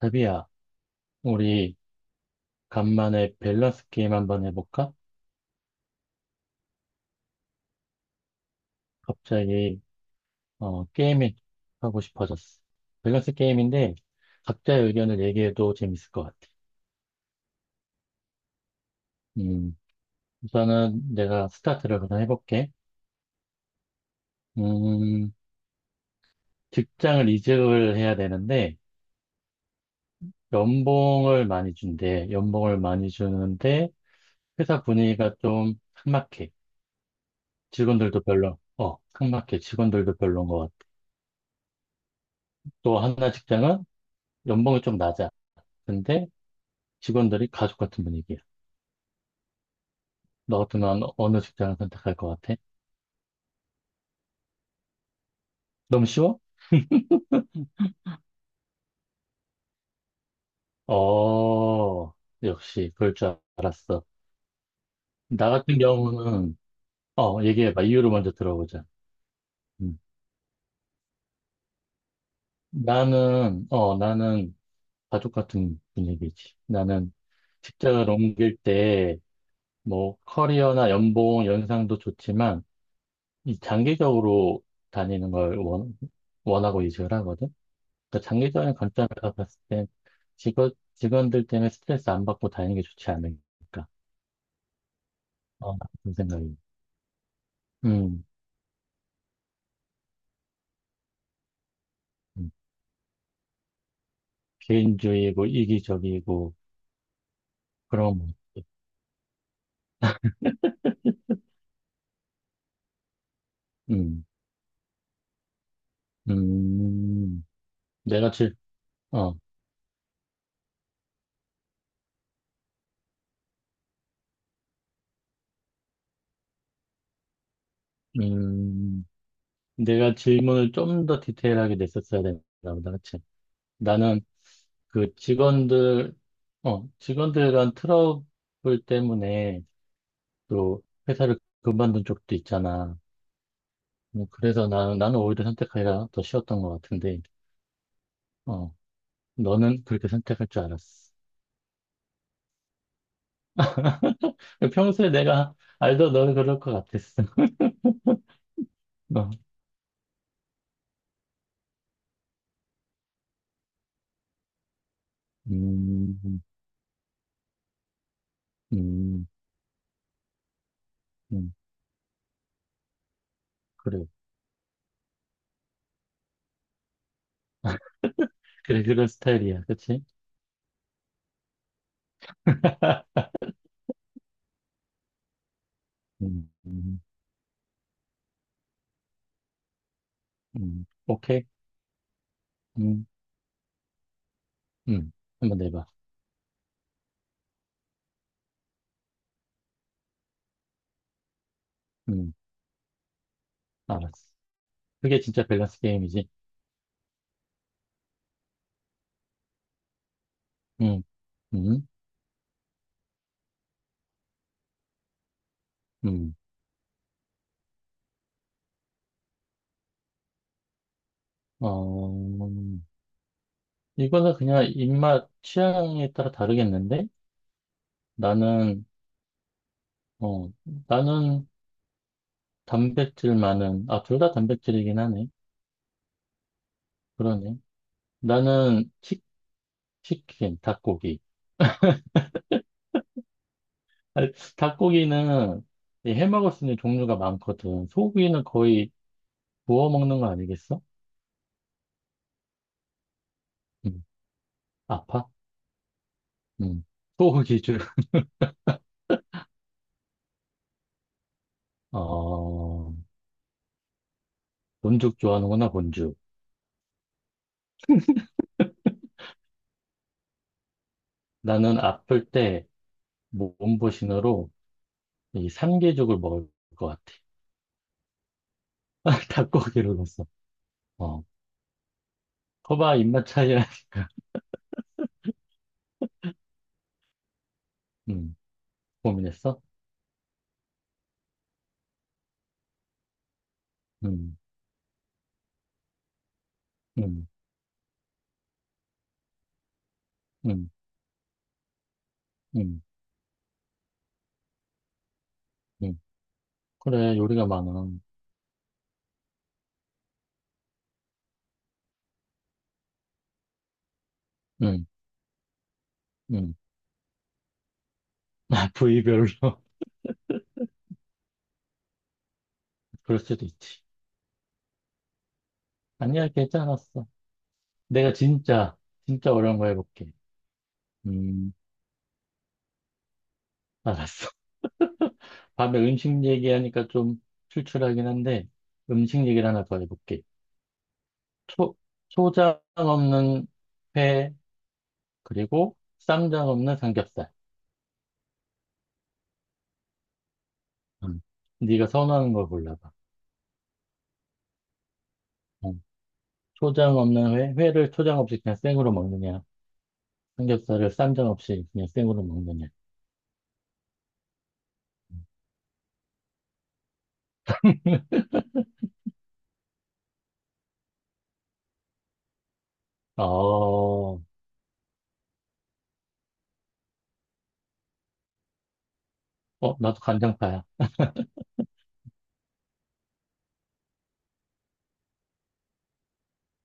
자비야, 우리 간만에 밸런스 게임 한번 해볼까? 갑자기 게임이 하고 싶어졌어. 밸런스 게임인데 각자의 의견을 얘기해도 재밌을 것 같아. 음, 우선은 내가 스타트를 그냥 해볼게. 음, 직장을 이직을 해야 되는데 연봉을 많이 준대. 연봉을 많이 주는데 회사 분위기가 좀 삭막해. 직원들도 삭막해. 직원들도 별로인 것 같아. 또 하나 직장은 연봉이 좀 낮아. 근데 직원들이 가족 같은 분위기야. 너 같으면 어느 직장을 선택할 것 같아? 너무 쉬워? 어, 역시 그럴 줄 알았어. 나 같은 경우는, 어, 얘기해봐. 이유를 먼저 들어보자. 음. 나는 가족 같은 분위기지. 나는 직장을 옮길 때, 뭐, 커리어나 연봉, 연상도 좋지만, 이 장기적으로 다니는 걸 원하고 이직을 하거든. 그러니까 장기적인 관점에서 봤을 땐 직원들 때문에 스트레스 안 받고 다니는 게 좋지 않을까. 어, 그런 생각이. 음, 음. 개인주의고 이기적이고, 그런 거. 음, 음, 내가 질, 어, 음, 내가 질문을 좀 더 디테일하게 냈었어야 된다 보다, 그치? 나는 그 직원들, 직원들 간 트러블 때문에 또 회사를 그만둔 쪽도 있잖아. 뭐 그래서 나는 오히려 선택하기가 더 쉬웠던 것 같은데, 어, 너는 그렇게 선택할 줄 알았어. 평소에 내가 알던 너는 그럴 것 같았어. 어, 음, 음, 음, 그래. 그래, 그런 스타일이야. 그치? 음, 음, 오케이. 음, 음, 한번 내봐. 음, 알았어. 그게 진짜 밸런스 게임이지. 음, 음, 음. 어, 이거는 그냥 입맛 취향에 따라 다르겠는데? 나는, 어, 나는 단백질 많은, 아, 둘 다 단백질이긴 하네. 그러네. 나는 킨 닭고기. 아니, 닭고기는 이해 먹을 수 있는 종류가 많거든. 소고기는 거의 구워 먹는 거 아니겠어? 음, 아파? 음, 소고기 줄. 어, 본죽 좋아하는구나, 본죽. 나는 아플 때 몸보신으로 이 삼계죽을 먹을 것 같아. 닭고기를 넣었어. 어, 거봐, 입맛 차이라니까. 음, 고민했어? 음, 음, 음. 음. 음. 그래, 요리가 많아. 응, 응. 부위별로. 그럴 수도 있지. 아니야, 괜찮았어. 내가 진짜, 진짜 어려운 거 해볼게. 음, 알았어. 밤에 음식 얘기하니까 좀 출출하긴 한데, 음식 얘기를 하나 더 해볼게. 초, 초장 없는 회, 그리고 쌈장 없는 삼겹살. 음. 네가 선호하는 걸 골라봐. 음. 초장 없는 회, 회를 초장 없이 그냥 생으로 먹느냐, 삼겹살을 쌈장 없이 그냥 생으로 먹느냐. 어, 나도 간장파야.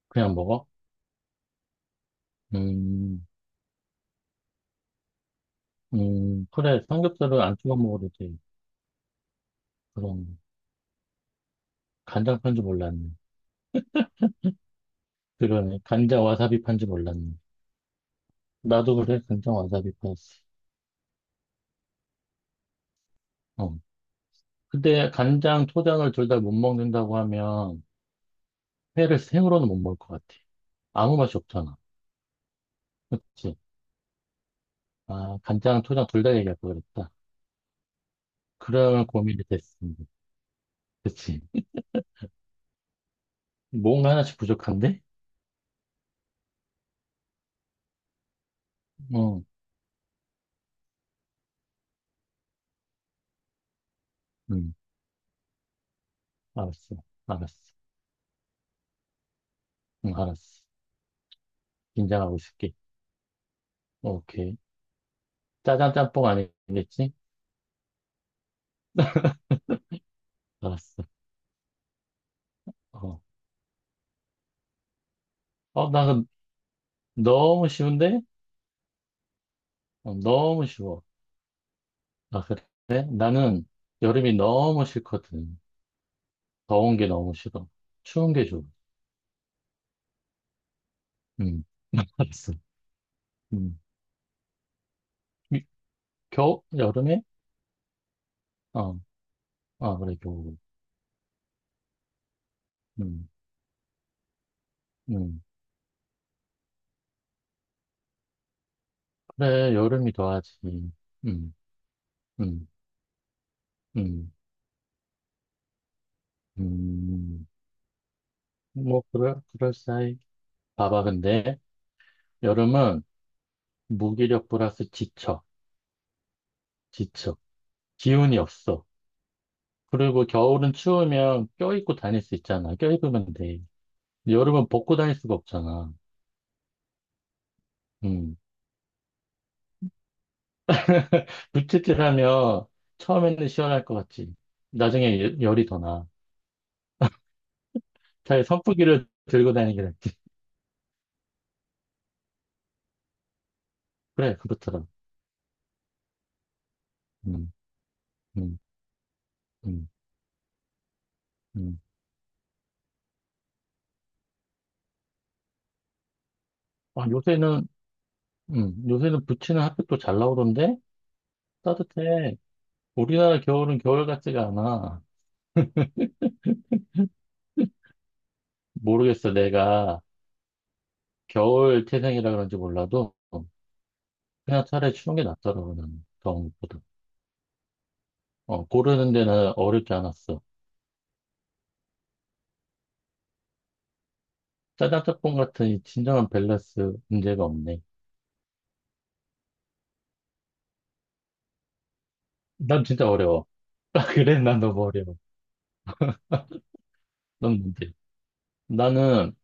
그냥 먹어? 음, 그래. 삼겹살을 안 찍어 먹어도 돼. 그럼, 간장파인 줄 몰랐네. 그러네. 간장 와사비파인 줄 몰랐네. 나도 그래. 간장 와사비파였어. 어. 근데 간장, 초장을 둘 다 못 먹는다고 하면, 회를 생으로는 못 먹을 것 같아. 아무 맛이 없잖아. 그치? 아, 간장, 초장 둘 다 얘기할 걸 그랬다. 그러면 고민이 됐습니다. 그치? 뭔가 하나씩 부족한데? 어, 음, 알았어. 알았어. 응, 알았어. 긴장하고 있을게. 오케이. 짜장 짬뽕 아니겠지? 알았어. 어. 어, 나 그- 너무 쉬운데? 너무 쉬워. 아, 그래? 나는 여름이 너무 싫거든. 더운 게 너무 싫어. 추운 게 좋아. 응, 알았어. 응. 이- 겨우? 여름에? 어, 아, 그래, 겨울. 응, 응. 그래, 여름이 더 하지. 응, 응, 응, 응. 뭐, 그럴싸해. 봐봐, 근데. 여름은 무기력 플러스 지쳐, 지쳐. 기운이 없어. 그리고 겨울은 추우면 껴입고 다닐 수 있잖아. 껴입으면 돼. 여름은 벗고 다닐 수가 없잖아. 음. 불치질하면 처음에는 시원할 것 같지. 나중에 열이 더 나. 차라리 선풍기를 들고 다니는 게 낫지. 그래, 그렇더라. 음, 음, 음, 음. 아, 요새는 부치는 핫팩도 잘 나오던데? 따뜻해. 우리나라 겨울은 겨울 같지가 않아. 모르겠어, 내가. 겨울 태생이라 그런지 몰라도 그냥 차라리 추운 게 낫더라고 나는 더운 것보다. 고르는 데는 어렵지 않았어. 짜장짬뽕 같은 이 진정한 밸런스 문제가 없네. 난 진짜 어려워. 그래, 난 너무 어려워. 넌 뭔데? 나는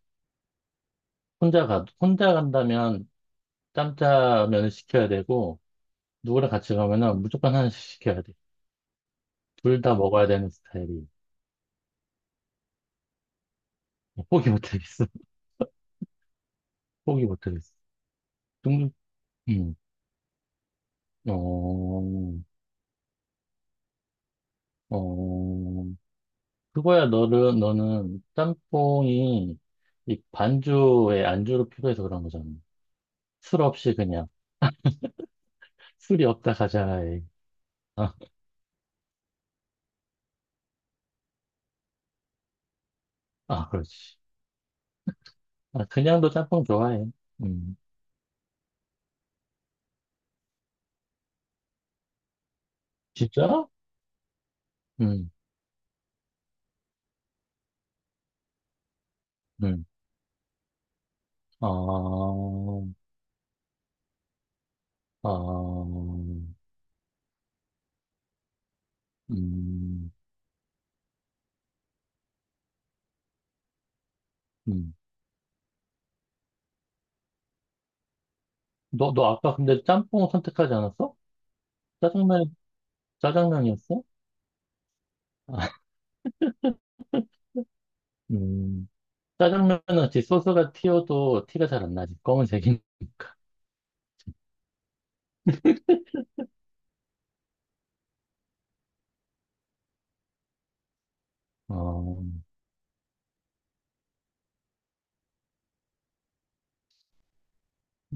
혼자 간다면 짬짜면을 시켜야 되고, 누구랑 같이 가면은 무조건 하나씩 시켜야 돼. 둘 다 먹어야 되는 스타일이. 포기 못하겠어. 포기 못하겠어. 중, 음, 어, 어, 그거야 너는 짬뽕이 이 반주에 안주로 필요해서 그런 거잖아. 술 없이 그냥 술이 없다 가자에. 아, 아 그렇지. 아, 그냥도 짬뽕 좋아해. 음. 진짜? 음. 음. 아. 아. 음. 음. 너 아까 근데 짬뽕 선택하지 않았어? 짜장면 짜장면이었어? 아, 음. 짜장면은 지 소스가 튀어도 티가 잘 안 나지. 검은색인. 어.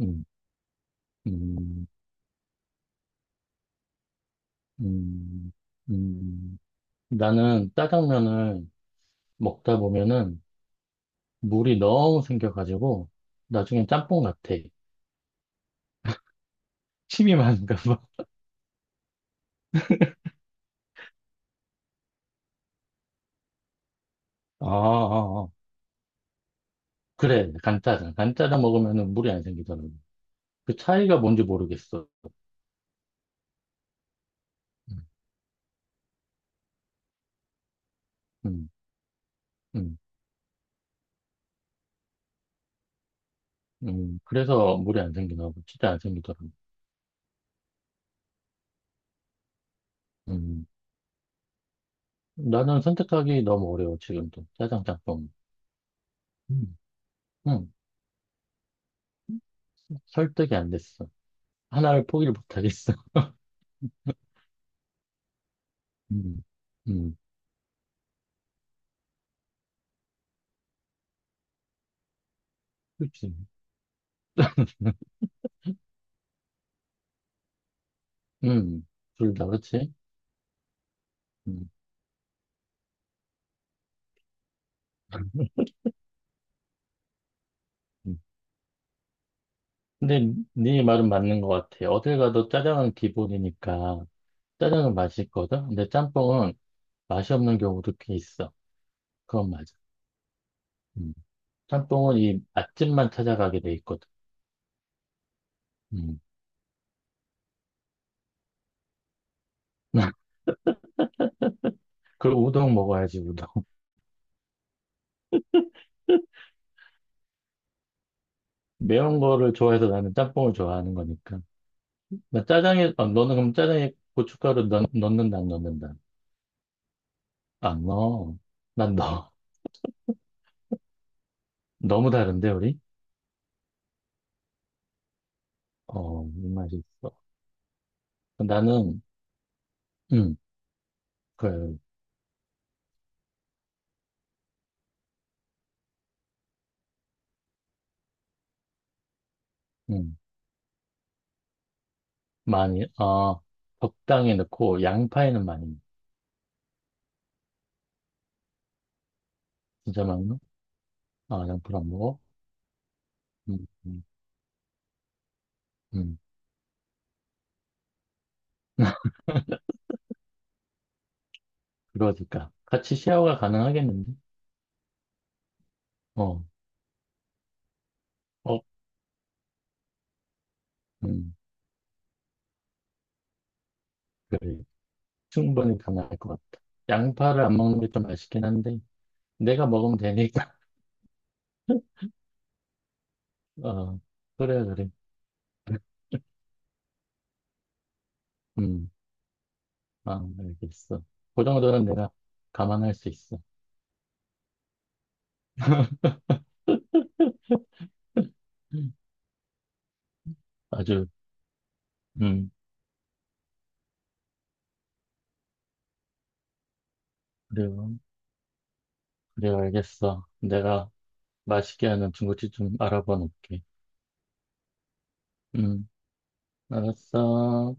음. 음, 음, 음. 나는 짜장면을 먹다 보면은 물이 너무 생겨가지고 나중엔 짬뽕 같아. 침이 많은가 봐. 아, 아, 아. 그래, 간짜장. 간짜장 먹으면은 물이 안 생기잖아. 그 차이가 뭔지 모르겠어. 음, 음, 음. 음. 그래서 물이 안 생기나 봐. 진짜 안 생기더라고. 음. 나는 선택하기 너무 어려워, 지금도. 짜장, 짬뽕. 음. 음. 설득이 안 됐어. 하나를 포기를 못 하겠어. 음. 음. 그치. 음, 둘 다, 그치? 음, 음. 근데 네 말은 맞는 것 같아. 어딜 가도 짜장은 기본이니까 짜장은 맛있거든? 근데 짬뽕은 맛이 없는 경우도 꽤 있어. 그건 맞아. 음. 짬뽕은 이 맛집만 찾아가게 돼 있거든. 음. 그리고 우동 먹어야지, 우동. 매운 거를 좋아해서 나는 짬뽕을 좋아하는 거니까. 너는 그럼 짜장에 고춧가루 넣는다, 안 넣는다? 안 넣어. 난 넣어. 너무 다른데, 우리? 이 맛이 있어. 나는, 음, 그래, 음, 많이, 아, 적당히 넣고, 양파에는 많이 넣어. 진짜 많이 넣어? 아, 양파를 안 먹어? 음, 음, 음, 그러니까. 같이 쉐어가 가능하겠는데? 어, 어, 음, 그래. 충분히 가능할 것 같다. 양파를 안 먹는 게 좀 아쉽긴 한데, 내가 먹으면 되니까. 어, 그래, 그래. 음, 아, 알겠어. 그 정도는 내가 감안할 수 있어. 아주, 음, 그래요. 그래요, 알겠어. 내가, 맛있게 하는 중국집 좀 알아봐 놓을게. 음, 알았어.